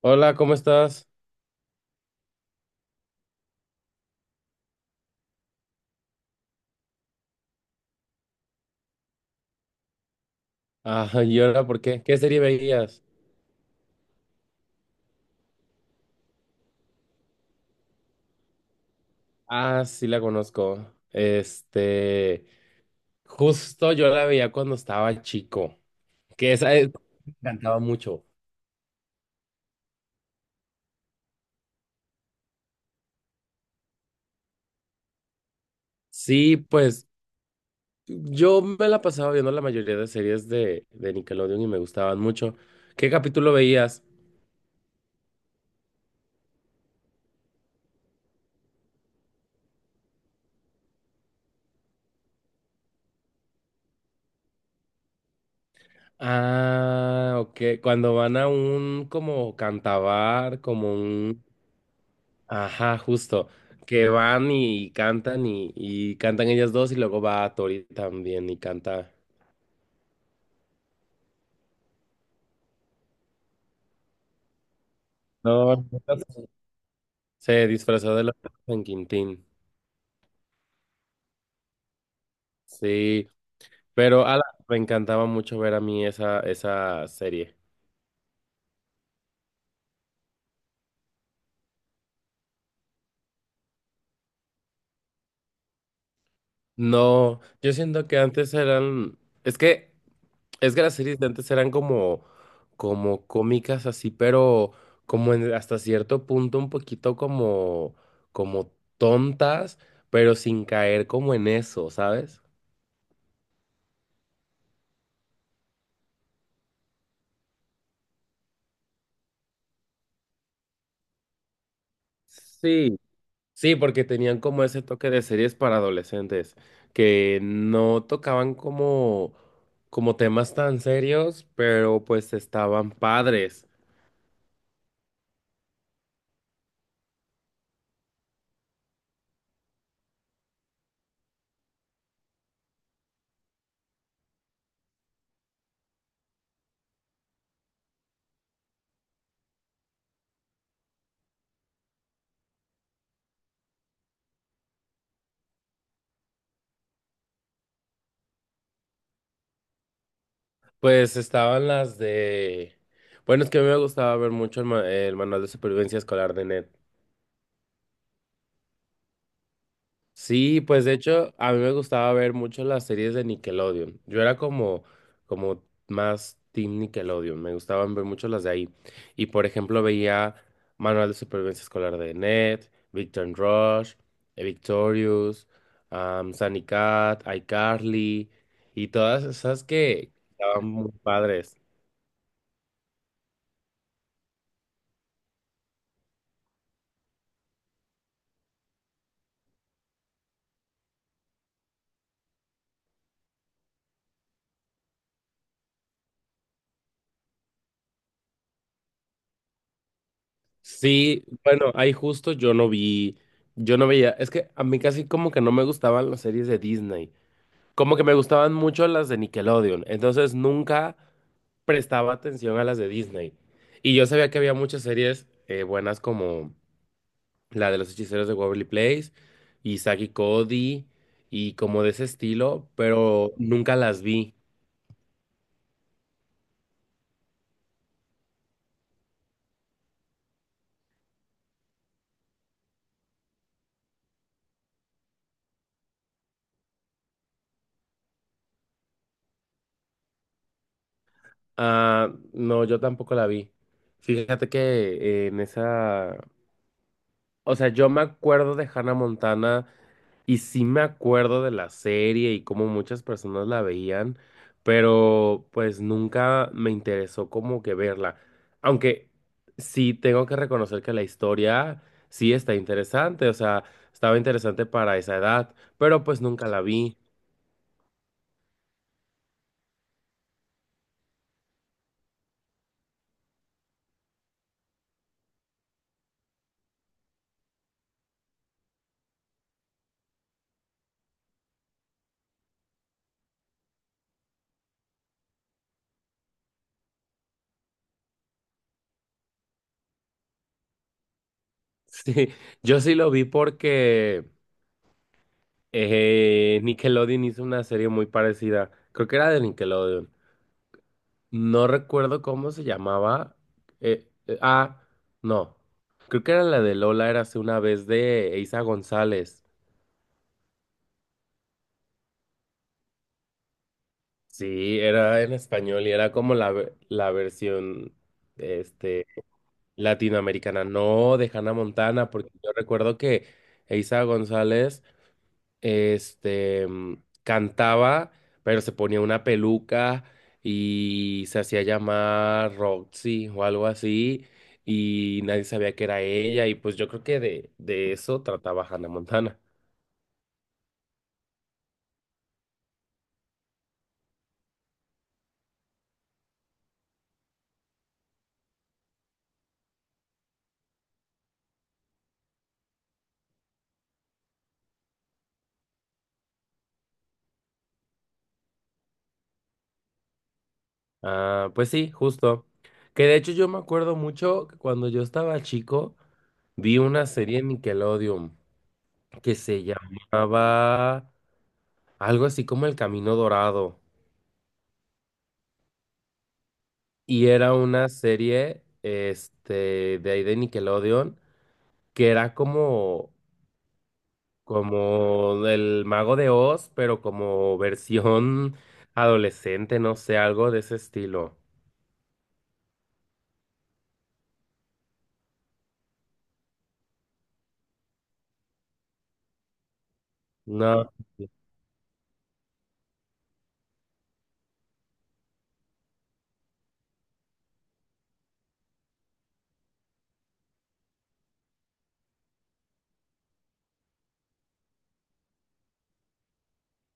Hola, ¿cómo estás? Ah, ¿y ahora por qué? ¿Qué serie veías? Ah, sí la conozco. Este, justo yo la veía cuando estaba chico, que esa es- me encantaba mucho. Sí, pues yo me la pasaba viendo la mayoría de series de Nickelodeon y me gustaban mucho. ¿Qué capítulo veías? Ah, ok, cuando van a un como cantabar, como un... Ajá, justo. Que van y cantan y cantan ellas dos y luego va Tori también y canta. No, se disfrazó de la San Quintín. Sí, pero ala, me encantaba mucho ver a mí esa, esa serie. No, yo siento que antes eran, es que es que las series de antes eran como, como cómicas así, pero hasta cierto punto un poquito como, como tontas, pero sin caer como en eso, ¿sabes? Sí, sí, porque tenían como ese toque de series para adolescentes, que no tocaban como, como temas tan serios, pero pues estaban padres. Pues estaban las de... Bueno, es que a mí me gustaba ver mucho el manual de supervivencia escolar de Ned. Sí, pues de hecho a mí me gustaba ver mucho las series de Nickelodeon. Yo era como, como más team Nickelodeon. Me gustaban ver mucho las de ahí. Y por ejemplo veía Manual de Supervivencia Escolar de Ned, Victor and Rush, Victorious, Sunny Cat, iCarly y todas esas que estaban muy padres. Sí, bueno, ahí justo yo no vi, yo no veía, es que a mí casi como que no me gustaban las series de Disney, como que me gustaban mucho las de Nickelodeon, entonces nunca prestaba atención a las de Disney. Y yo sabía que había muchas series buenas como la de los hechiceros de Waverly Place y Saki Cody y como de ese estilo, pero nunca las vi. Ah, no, yo tampoco la vi. Fíjate que en esa o sea, yo me acuerdo de Hannah Montana y sí me acuerdo de la serie y cómo muchas personas la veían, pero pues nunca me interesó como que verla. Aunque sí tengo que reconocer que la historia sí está interesante, o sea, estaba interesante para esa edad, pero pues nunca la vi. Sí, yo sí lo vi porque Nickelodeon hizo una serie muy parecida, creo que era de Nickelodeon. No recuerdo cómo se llamaba. Ah, no. Creo que era la de Lola, era hace una vez de Eiza González. Sí, era en español y era como la versión este, latinoamericana, no de Hannah Montana, porque yo recuerdo que Eiza González este, cantaba, pero se ponía una peluca y se hacía llamar Roxy o algo así, y nadie sabía que era ella, y pues yo creo que de eso trataba Hannah Montana. Ah, pues sí, justo. Que de hecho yo me acuerdo mucho que cuando yo estaba chico, vi una serie en Nickelodeon que se llamaba algo así como El Camino Dorado. Y era una serie, este, de ahí de Nickelodeon que era como, como el Mago de Oz, pero como versión adolescente, no sé, algo de ese estilo. No.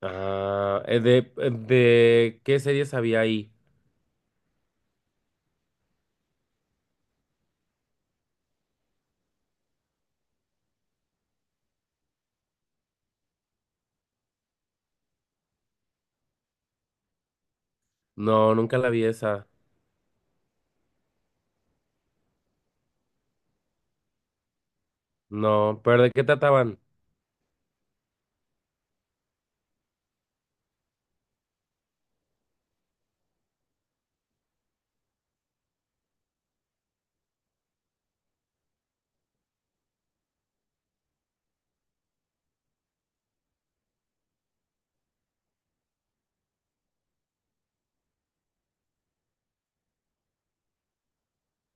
Ah, ¿de qué series había ahí? No, nunca la vi esa. No, pero ¿de qué trataban?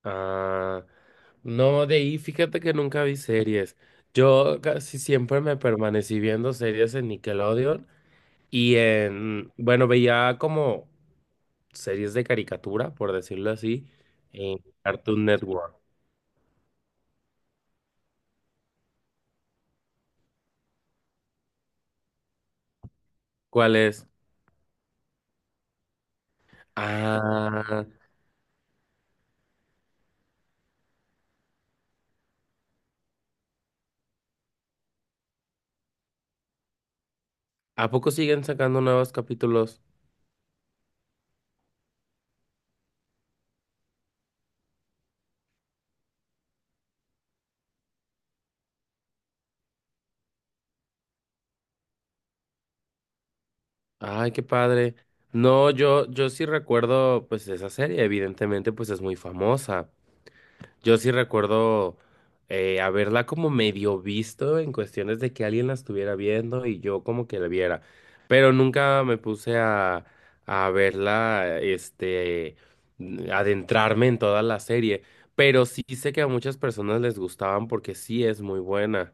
Ah, no, de ahí fíjate que nunca vi series. Yo casi siempre me permanecí viendo series en Nickelodeon y en, bueno, veía como series de caricatura, por decirlo así, en Cartoon Network. ¿Cuál es? Ah, ¿a poco siguen sacando nuevos capítulos? Ay, qué padre. No, yo sí recuerdo, pues, esa serie, evidentemente, pues es muy famosa. Yo sí recuerdo haberla como medio visto en cuestiones de que alguien la estuviera viendo y yo como que la viera, pero nunca me puse a verla, este, adentrarme en toda la serie, pero sí sé que a muchas personas les gustaban porque sí es muy buena.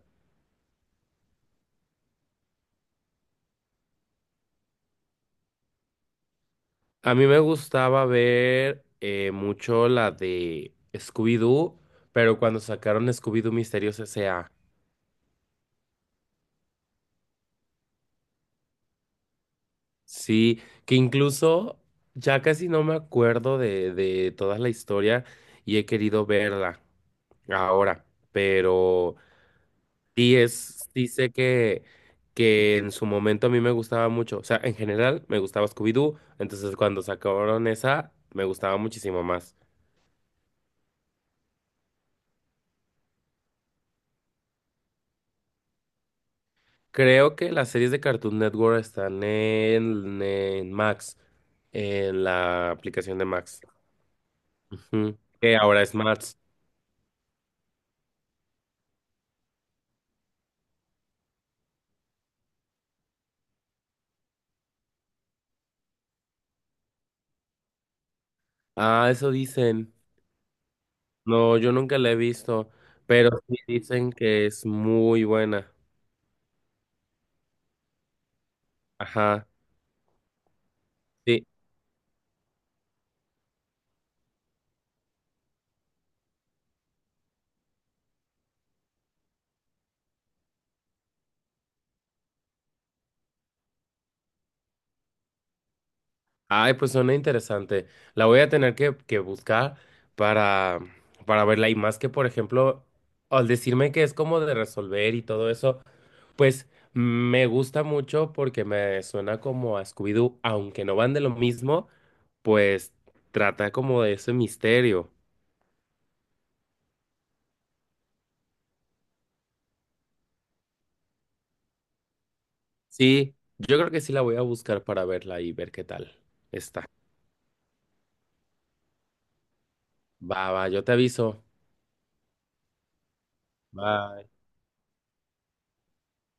A mí me gustaba ver mucho la de Scooby-Doo, pero cuando sacaron Scooby-Doo Misterios S.A. Sí, que incluso ya casi no me acuerdo de toda la historia y he querido verla ahora, pero sí es, sí sé que en su momento a mí me gustaba mucho, o sea, en general me gustaba Scooby-Doo, entonces cuando sacaron esa me gustaba muchísimo más. Creo que las series de Cartoon Network están en Max, en la aplicación de Max, ujú, que ahora es Max. Ah, eso dicen. No, yo nunca la he visto, pero sí dicen que es muy buena. Ajá, sí. Ay, pues suena interesante. La voy a tener que buscar para, para verla. Y más que, por ejemplo, al decirme que es como de resolver y todo eso, pues me gusta mucho porque me suena como a Scooby-Doo, aunque no van de lo mismo, pues trata como de ese misterio. Sí, yo creo que sí la voy a buscar para verla y ver qué tal está. Va, va, yo te aviso. Va.